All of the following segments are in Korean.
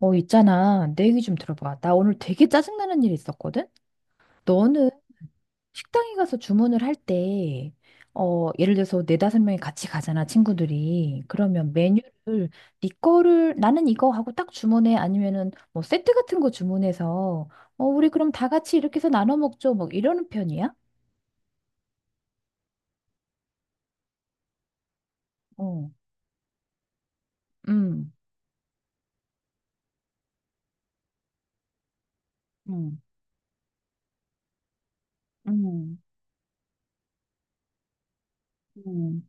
있잖아. 내 얘기 좀 들어봐. 나 오늘 되게 짜증나는 일이 있었거든? 너는 식당에 가서 주문을 할 때, 예를 들어서 네다섯 명이 같이 가잖아, 친구들이. 그러면 메뉴를 네 거를 나는 이거 하고 딱 주문해. 아니면은 뭐 세트 같은 거 주문해서, 우리 그럼 다 같이 이렇게 해서 나눠 먹죠. 막 이러는 편이야? 어, 음, 음, 음, 음,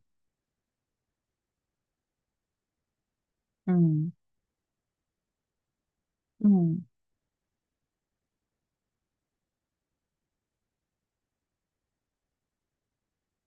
음. 음.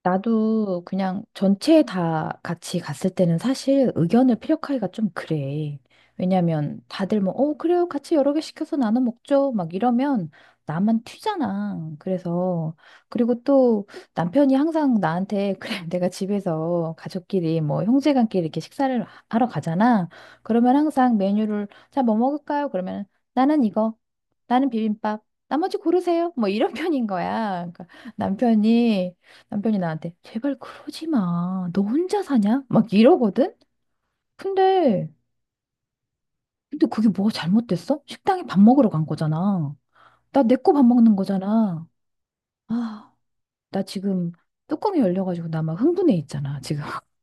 나도 그냥 전체 다 같이 갔을 때는 사실 의견을 피력하기가 좀 그래. 왜냐면 다들 뭐, 그래요. 같이 여러 개 시켜서 나눠 먹죠. 막 이러면 나만 튀잖아. 그래서, 그리고 또 남편이 항상 나한테, 그래, 내가 집에서 가족끼리 뭐 형제간끼리 이렇게 식사를 하러 가잖아. 그러면 항상 메뉴를, 자, 뭐 먹을까요? 그러면 나는 이거, 나는 비빔밥, 나머지 고르세요. 뭐 이런 편인 거야. 그러니까 남편이 남편이 나한테 제발 그러지 마. 너 혼자 사냐? 막 이러거든? 근데, 근데 그게 뭐가 잘못됐어? 식당에 밥 먹으러 간 거잖아. 나 내 거 밥 먹는 거잖아. 아, 나 지금 뚜껑이 열려가지고 나 막 흥분해 있잖아, 지금.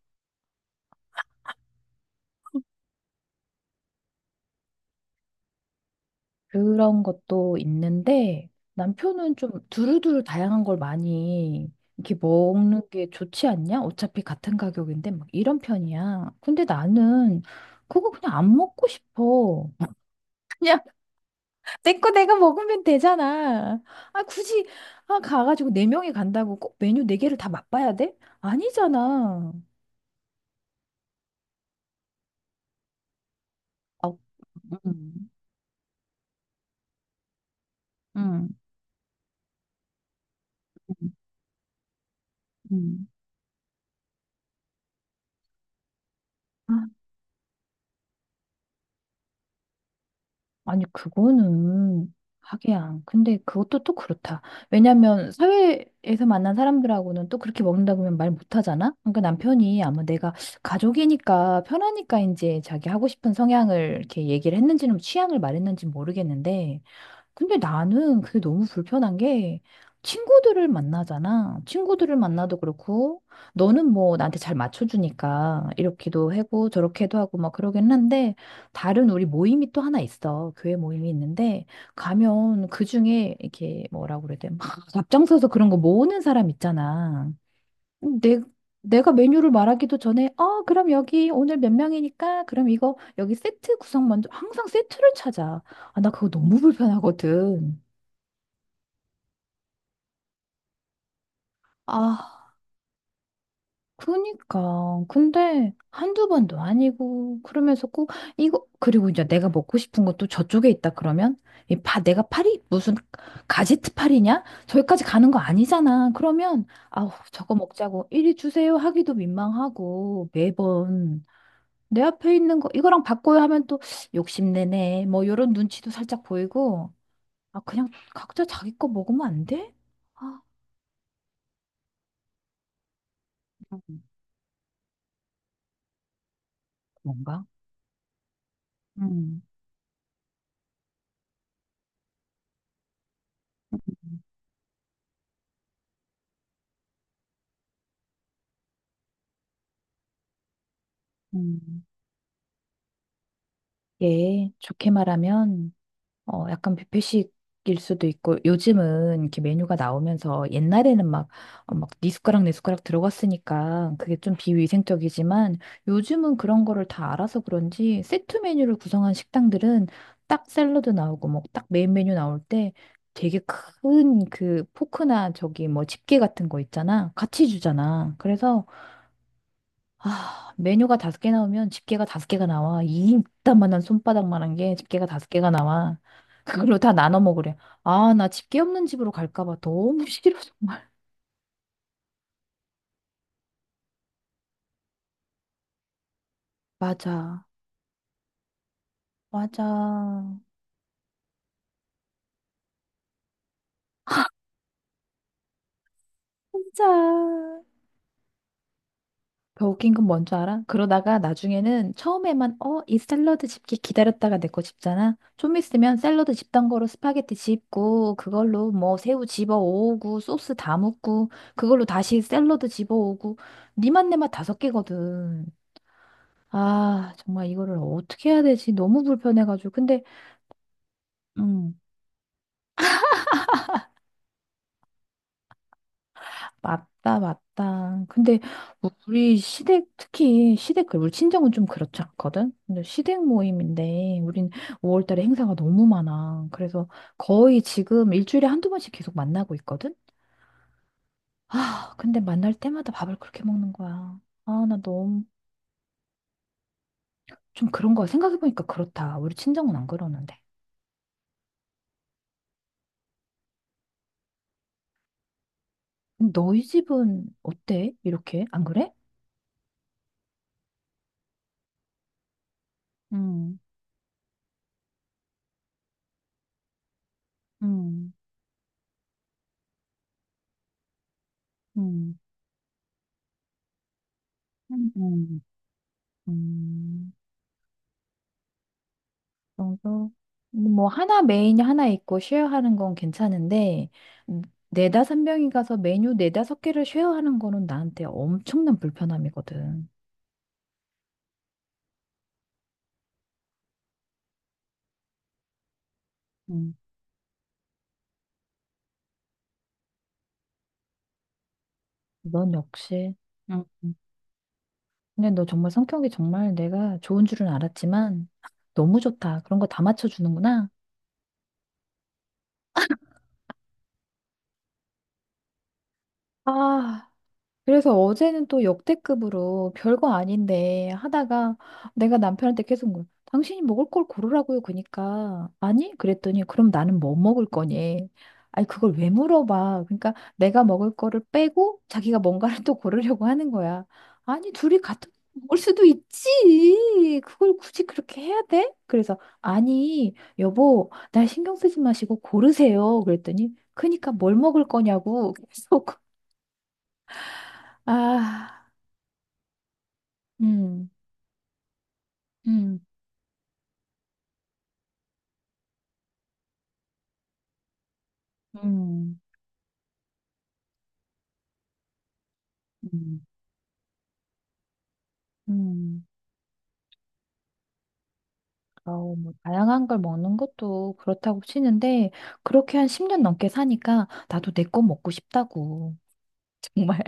그런 것도 있는데 남편은 좀 두루두루 다양한 걸 많이 이렇게 먹는 게 좋지 않냐? 어차피 같은 가격인데 막 이런 편이야. 근데 나는 그거 그냥 안 먹고 싶어. 그냥 내 거 내가 먹으면 되잖아. 아, 굳이, 아, 가가지고 네 명이 간다고 꼭 메뉴 네 개를 다 맛봐야 돼? 아니잖아. 아, 음, 음, 음, 음. 아, 아니, 그거는, 하기야. 근데 그것도 또 그렇다. 왜냐면, 사회에서 만난 사람들하고는 또 그렇게 먹는다고 하면 말 못하잖아? 그러니까 남편이 아마 내가 가족이니까 편하니까 이제 자기 하고 싶은 성향을 이렇게 얘기를 했는지는 취향을 말했는지 모르겠는데, 근데 나는 그게 너무 불편한 게 친구들을 만나잖아. 친구들을 만나도 그렇고 너는 뭐 나한테 잘 맞춰주니까 이렇게도 하고 저렇게도 하고 막 그러긴 한데 다른 우리 모임이 또 하나 있어. 교회 모임이 있는데 가면 그중에 이렇게 뭐라고 그래야 돼? 막 앞장서서 그런 거 모으는 사람 있잖아. 내, 내가 메뉴를 말하기도 전에, 그럼 여기 오늘 몇 명이니까, 그럼 이거 여기 세트 구성 먼저, 항상 세트를 찾아. 아, 나 그거 너무 불편하거든. 아, 그니까. 근데 한두 번도 아니고, 그러면서 꼭, 이거, 그리고 이제 내가 먹고 싶은 것도 저쪽에 있다 그러면, 내가 파리? 무슨 가지트 파리냐? 저기까지 가는 거 아니잖아. 그러면, 아우, 저거 먹자고, 이리 주세요 하기도 민망하고, 매번. 내 앞에 있는 거 이거랑 바꿔요 하면 또 욕심내네 뭐 요런 눈치도 살짝 보이고 아 그냥 각자 자기 거 먹으면 안 돼? 아 음, 뭔가 음, 음. 예 좋게 말하면 약간 뷔페식일 수도 있고, 요즘은 이렇게 메뉴가 나오면서 옛날에는 막, 막, 네 숟가락, 내 숟가락 들어갔으니까 그게 좀 비위생적이지만 요즘은 그런 거를 다 알아서 그런지 세트 메뉴를 구성한 식당들은 딱 샐러드 나오고, 뭐, 딱 메인 메뉴 나올 때 되게 큰 그 포크나 저기 뭐 집게 같은 거 있잖아. 같이 주잖아. 그래서 아, 메뉴가 다섯 개 나오면 집게가 다섯 개가 나와. 이 이따만한 손바닥만한 게 집게가 다섯 개가 나와. 그걸로 다 나눠 먹으래. 아, 나 집게 없는 집으로 갈까 봐 너무 싫어, 정말. 맞아. 맞아. 맞아. 더 웃긴 건 뭔 줄 알아? 그러다가 나중에는 처음에만 이 샐러드 집기 기다렸다가 내 거 집잖아. 좀 있으면 샐러드 집던 거로 스파게티 집고 그걸로 뭐 새우 집어 오고 소스 다 묻고 그걸로 다시 샐러드 집어 오고 니 맛 내 맛 다섯 개거든. 아, 정말 이거를 어떻게 해야 되지? 너무 불편해가지고. 근데 음, 맞다, 맞다. 근데 우리 시댁, 특히 시댁, 그 우리 친정은 좀 그렇지 않거든? 근데 시댁 모임인데, 우린 5월 달에 행사가 너무 많아. 그래서 거의 지금 일주일에 한두 번씩 계속 만나고 있거든? 아, 근데 만날 때마다 밥을 그렇게 먹는 거야. 아, 나 너무, 좀 그런 거야. 생각해보니까 그렇다. 우리 친정은 안 그러는데. 너희 집은 어때? 이렇게? 안 그래? 음, 음, 음, 음, 음. 정도? 뭐 하나 메인이 하나 있고 쉐어하는 건 괜찮은데 음, 네다섯 명이 가서 메뉴 네다섯 개를 쉐어하는 거는 나한테 엄청난 불편함이거든. 음, 넌 역시. 음, 음. 근데 너 정말 성격이 정말 내가 좋은 줄은 알았지만 너무 좋다. 그런 거 다 맞춰주는구나. 아, 그래서 어제는 또 역대급으로 별거 아닌데 하다가 내가 남편한테 계속 물 당신이 먹을 걸 고르라고요. 그러니까 아니? 그랬더니 그럼 나는 뭐 먹을 거니? 아니 그걸 왜 물어봐? 그러니까 내가 먹을 거를 빼고 자기가 뭔가를 또 고르려고 하는 거야. 아니 둘이 같은 거 먹을 수도 있지. 그걸 굳이 그렇게 해야 돼? 그래서 아니 여보 날 신경 쓰지 마시고 고르세요. 그랬더니 그러니까 뭘 먹을 거냐고 계속 아. 음, 음, 음, 음, 음. 아우, 뭐, 다양한 걸 먹는 것도 그렇다고 치는데, 그렇게 한 10년 넘게 사니까, 나도 내 거 먹고 싶다고. 정말.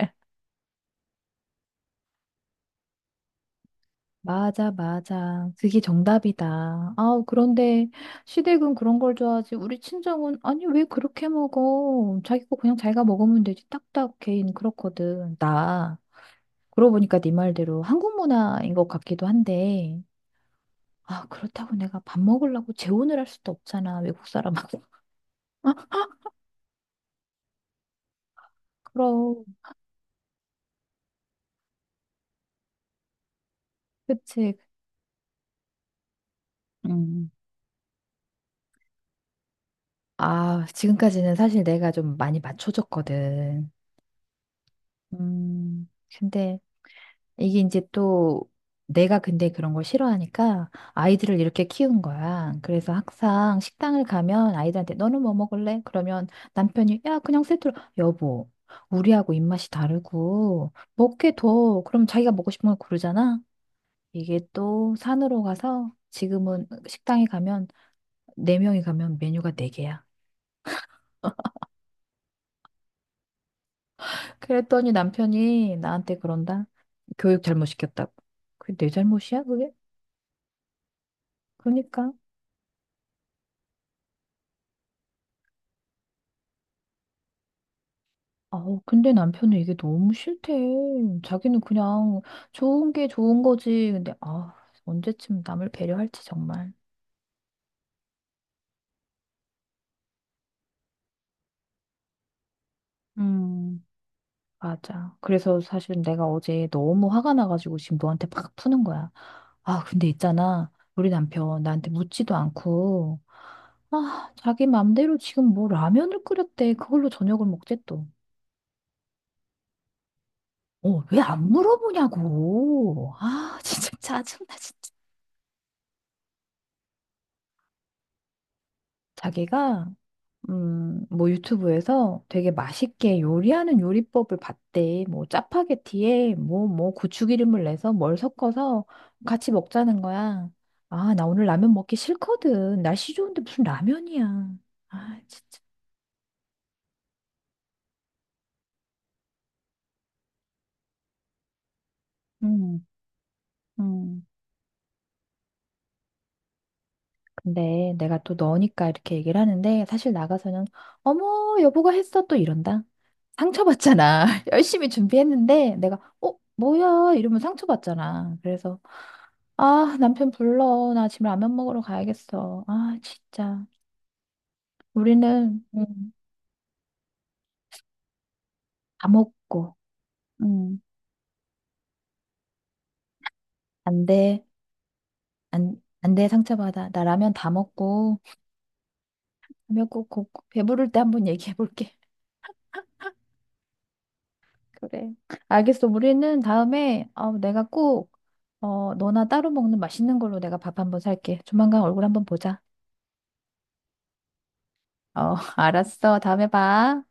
맞아, 맞아. 그게 정답이다. 아우, 그런데, 시댁은 그런 걸 좋아하지. 우리 친정은, 아니, 왜 그렇게 먹어? 자기 거 그냥 자기가 먹으면 되지. 딱딱 개인 그렇거든. 그러고 보니까 네 말대로 한국 문화인 것 같기도 한데, 아, 그렇다고 내가 밥 먹으려고 재혼을 할 수도 없잖아, 외국 사람하고. 그럼, 그치. 음. 아, 지금까지는 사실 내가 좀 많이 맞춰줬거든. 음, 근데 이게 이제 또 내가 근데 그런 걸 싫어하니까 아이들을 이렇게 키운 거야. 그래서 항상 식당을 가면 아이들한테 너는 뭐 먹을래? 그러면 남편이 야, 그냥 세트로 여보, 우리하고 입맛이 다르고 먹게 더 그럼 자기가 먹고 싶은 걸 고르잖아. 이게 또 산으로 가서 지금은 식당에 가면 네 명이 가면 메뉴가 네 개야. 그랬더니 남편이 나한테 그런다. 교육 잘못 시켰다고. 그게 내 잘못이야, 그게? 그러니까. 아우, 근데 남편은 이게 너무 싫대. 자기는 그냥 좋은 게 좋은 거지. 근데 아, 언제쯤 남을 배려할지 정말. 음. 맞아. 그래서 사실 내가 어제 너무 화가 나가지고 지금 너한테 팍 푸는 거야. 아, 근데 있잖아. 우리 남편 나한테 묻지도 않고, 아, 자기 맘대로 지금 뭐 라면을 끓였대. 그걸로 저녁을 먹재 또. 왜 안 물어보냐고. 아, 진짜 짜증나, 진짜. 자기가, 뭐 유튜브에서 되게 맛있게 요리하는 요리법을 봤대. 뭐 짜파게티에 뭐 고추기름을 내서 뭘 섞어서 같이 먹자는 거야. 아, 나 오늘 라면 먹기 싫거든. 날씨 좋은데 무슨 라면이야. 아, 진짜. 음. 음, 근데 내가 또 너니까 이렇게 얘기를 하는데 사실 나가서는 어머, 여보가 했어 또 이런다. 상처받잖아. 열심히 준비했는데 내가 뭐야 이러면 상처받잖아. 그래서 아, 남편 불러. 나 지금 라면 먹으러 가야겠어. 아, 진짜. 우리는 다 먹고. 음, 안 돼. 안 돼. 상처받아. 나 라면 다 먹고. 라면 꼭, 꼭, 꼭 배부를 때 한번 얘기해 볼게. 그래. 알겠어. 우리는 다음에 내가 꼭 너나 따로 먹는 맛있는 걸로 내가 밥 한번 살게. 조만간 얼굴 한번 보자. 알았어. 다음에 봐.